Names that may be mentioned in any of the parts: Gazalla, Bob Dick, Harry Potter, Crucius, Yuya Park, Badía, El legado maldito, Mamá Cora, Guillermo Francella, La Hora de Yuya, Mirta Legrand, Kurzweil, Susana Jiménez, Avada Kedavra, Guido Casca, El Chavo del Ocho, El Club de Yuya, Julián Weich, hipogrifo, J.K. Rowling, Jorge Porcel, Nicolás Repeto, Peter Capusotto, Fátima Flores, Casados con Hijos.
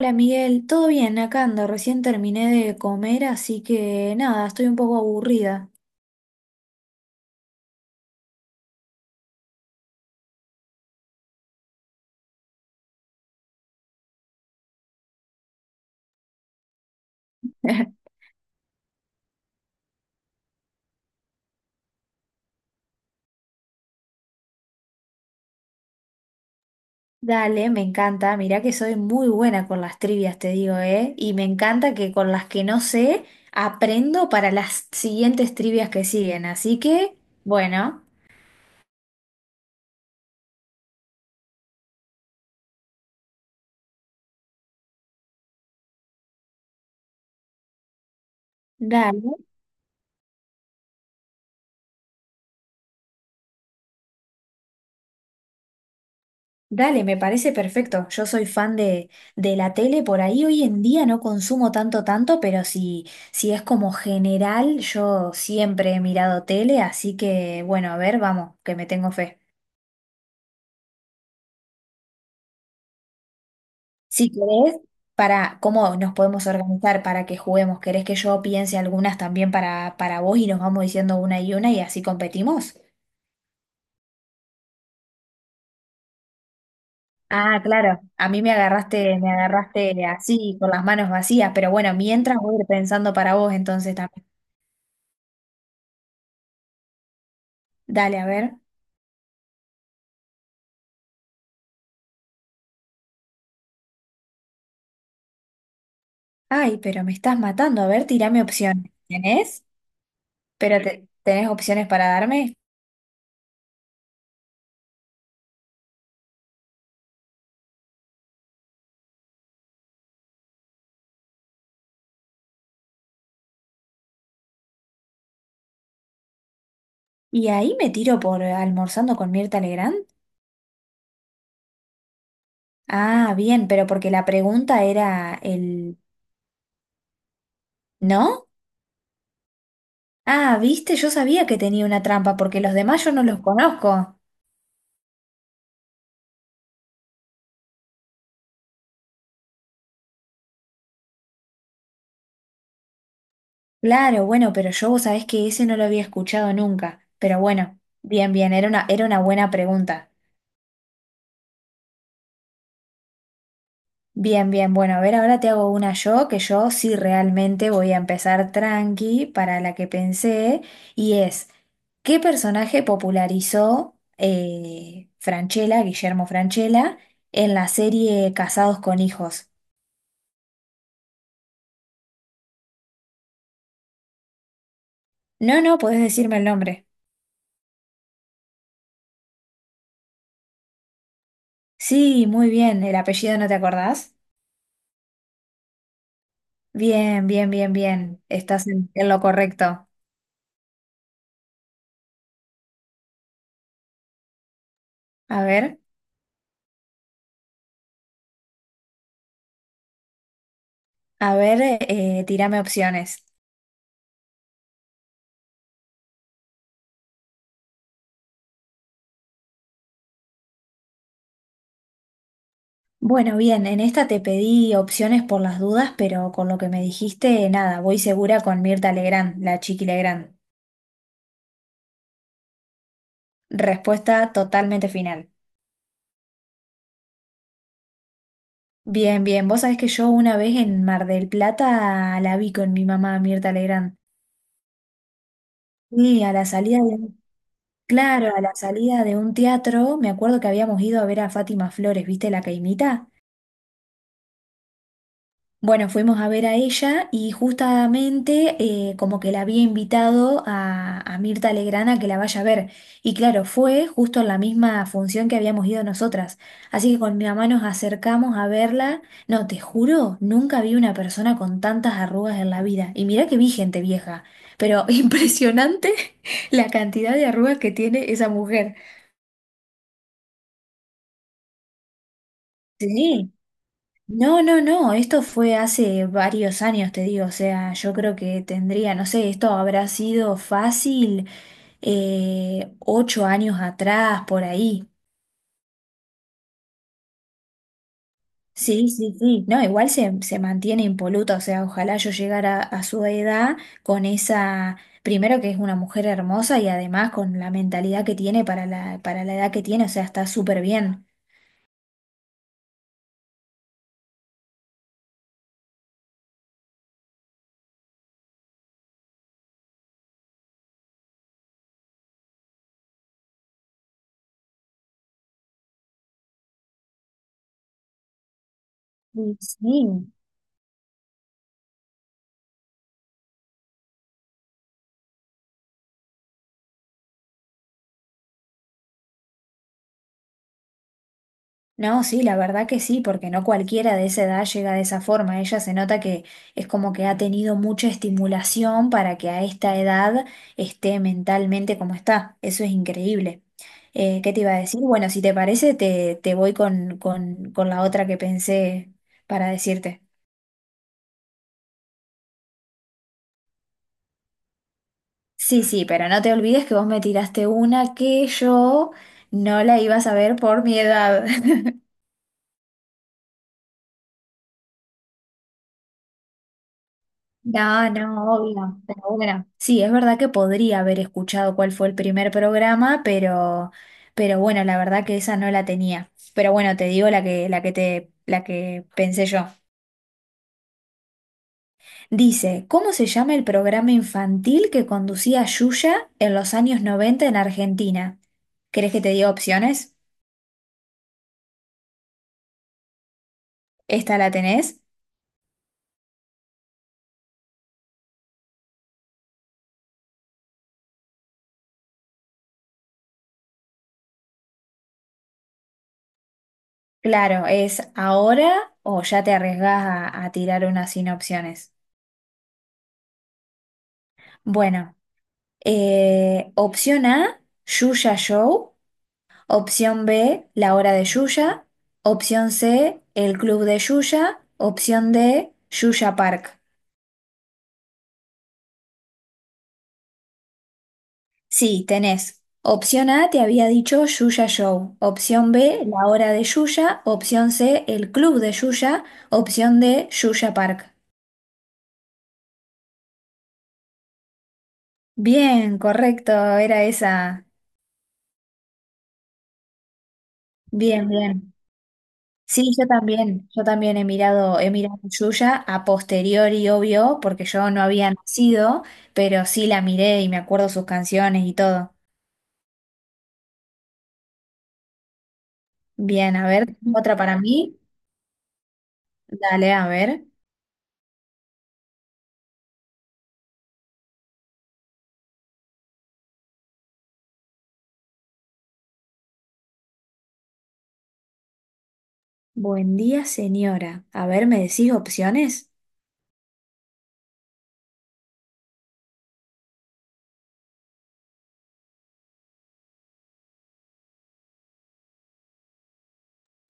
Hola Miguel, ¿todo bien? Acá ando, recién terminé de comer, así que nada, estoy un poco aburrida. Dale, me encanta, mirá que soy muy buena con las trivias, te digo, ¿eh? Y me encanta que con las que no sé, aprendo para las siguientes trivias que siguen, así que, bueno, dale. Dale, me parece perfecto. Yo soy fan de la tele, por ahí hoy en día no consumo tanto, tanto, pero si, si es como general, yo siempre he mirado tele, así que bueno, a ver, vamos, que me tengo fe. Si querés, para cómo nos podemos organizar para que juguemos, ¿querés que yo piense algunas también para vos y nos vamos diciendo una y así competimos? Ah, claro, a mí me agarraste así, con las manos vacías, pero bueno, mientras voy a ir pensando para vos entonces también. Dale, a ver. Ay, pero me estás matando. A ver, tirame opciones. ¿Tenés? ¿Pero Tenés opciones para darme? ¿Y ahí me tiro por almorzando con Mirta Legrand? Ah, bien, pero porque la pregunta era el... ¿No? Ah, viste, yo sabía que tenía una trampa porque los demás yo no los conozco. Claro, bueno, pero yo vos sabés que ese no lo había escuchado nunca. Pero bueno, bien, bien, era una buena pregunta. Bien, bien, bueno, a ver, ahora te hago una yo, que yo sí realmente voy a empezar tranqui para la que pensé, y es, ¿qué personaje popularizó Francella, Guillermo Francella, en la serie Casados con Hijos? No, no, podés decirme el nombre. Sí, muy bien, ¿el apellido no te acordás? Bien, bien, bien, bien, estás en lo correcto. A ver, a ver, tirame opciones. Bueno, bien, en esta te pedí opciones por las dudas, pero con lo que me dijiste, nada, voy segura con Mirta Legrand, la Chiqui Legrand. Respuesta totalmente final. Bien, bien, vos sabés que yo una vez en Mar del Plata la vi con mi mamá Mirta Legrand. Sí, a la salida de, claro, a la salida de un teatro, me acuerdo que habíamos ido a ver a Fátima Flores, ¿viste la caimita? Bueno, fuimos a ver a ella y justamente como que la había invitado a Mirta Legrand a que la vaya a ver. Y claro, fue justo en la misma función que habíamos ido nosotras. Así que con mi mamá nos acercamos a verla. No, te juro, nunca vi una persona con tantas arrugas en la vida. Y mirá que vi gente vieja, pero impresionante la cantidad de arrugas que tiene esa mujer. Sí. No, no, no, esto fue hace varios años, te digo, o sea, yo creo que tendría, no sé, esto habrá sido fácil 8 años atrás, por ahí. Sí, sí, sí, no, igual se mantiene impoluta, o sea, ojalá yo llegara a su edad con esa, primero que es una mujer hermosa y además con la mentalidad que tiene para para la edad que tiene, o sea, está súper bien. Sí, sí. No, sí, la verdad que sí, porque no cualquiera de esa edad llega de esa forma. Ella se nota que es como que ha tenido mucha estimulación para que a esta edad esté mentalmente como está. Eso es increíble. ¿Qué te iba a decir? Bueno, si te parece, te voy con la otra que pensé para decirte. Sí, sí, pero no te olvides que vos me tiraste una que yo no la iba a saber por mi edad. No, no, obvio, pero bueno, sí, es verdad que podría haber escuchado cuál fue el primer programa, pero bueno, la verdad que esa no la tenía. Pero bueno, te digo la que pensé yo. Dice, ¿cómo se llama el programa infantil que conducía Yuya en los años 90 en Argentina? ¿Querés que te diga opciones? ¿Esta la tenés? Claro, es ahora o ya te arriesgás a tirar una sin opciones. Bueno. Opción A, Yuya Show. Opción B, La Hora de Yuya. Opción C, El Club de Yuya. Opción D, Yuya Park. Sí, tenés. Opción A, te había dicho Yuya Show. Opción B, La Hora de Yuya. Opción C, El Club de Yuya. Opción D, Yuya Park. Bien, correcto, era esa. Bien, bien. Sí, yo también he mirado Yuya a posteriori, obvio, porque yo no había nacido, pero sí la miré y me acuerdo sus canciones y todo. Bien, a ver, otra para mí. Dale, a ver. Buen día, señora. A ver, ¿me decís opciones?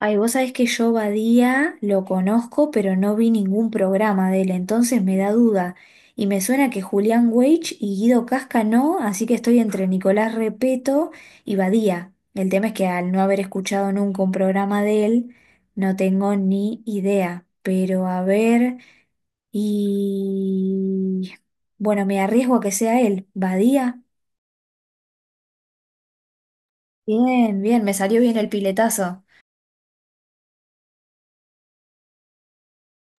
Ay, vos sabés que yo Badía lo conozco, pero no vi ningún programa de él, entonces me da duda. Y me suena que Julián Weich y Guido Casca no, así que estoy entre Nicolás Repeto y Badía. El tema es que al no haber escuchado nunca un programa de él, no tengo ni idea. Pero a ver, y... Bueno, me arriesgo a que sea él. Badía. Bien, bien, me salió bien el piletazo.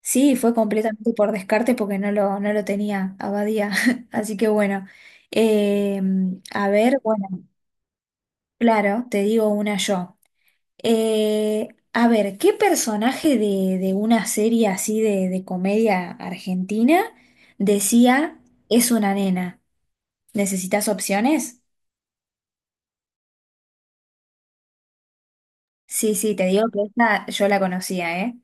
Sí, fue completamente por descarte porque no lo tenía Abadía. Así que bueno, Eh, a ver, bueno, claro, te digo una yo. Eh, a ver, ¿qué personaje de una serie así de comedia argentina decía es una nena? ¿Necesitas opciones? Sí, sí, te digo que esta yo la conocía, ¿eh?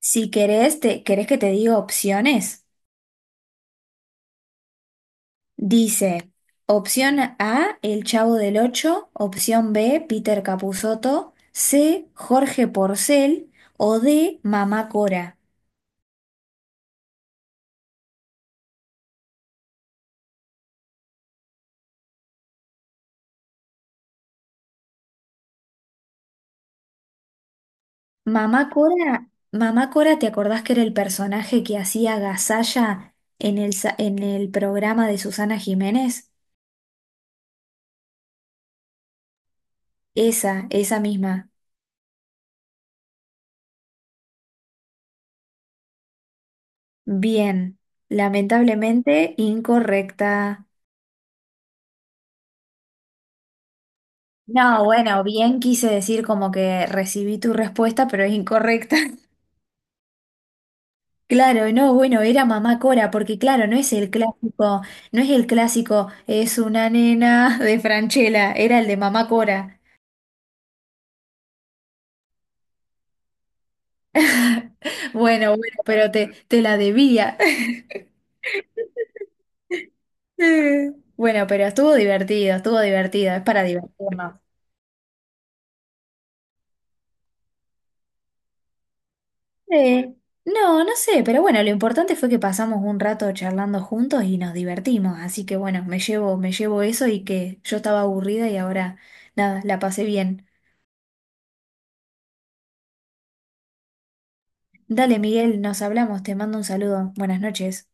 Si querés, te, ¿querés que te diga opciones? Dice, opción A, El Chavo del Ocho, opción B, Peter Capusotto, C, Jorge Porcel o D, Mamá Cora. Mamá Cora, Mamá Cora, ¿te acordás que era el personaje que hacía Gazalla en el, en el programa de Susana Jiménez? Esa misma. Bien, lamentablemente incorrecta. No, bueno, bien quise decir como que recibí tu respuesta, pero es incorrecta. Claro, no, bueno, era mamá Cora, porque claro, no es el clásico, no es el clásico, es una nena de Franchella, era el de mamá Cora. Bueno, bueno, pero te la debía. Bueno, pero estuvo divertido, es para divertirnos. Eh, no, no sé, pero bueno, lo importante fue que pasamos un rato charlando juntos y nos divertimos, así que bueno, me llevo eso y que yo estaba aburrida y ahora, nada, la pasé bien. Dale, Miguel, nos hablamos, te mando un saludo, buenas noches.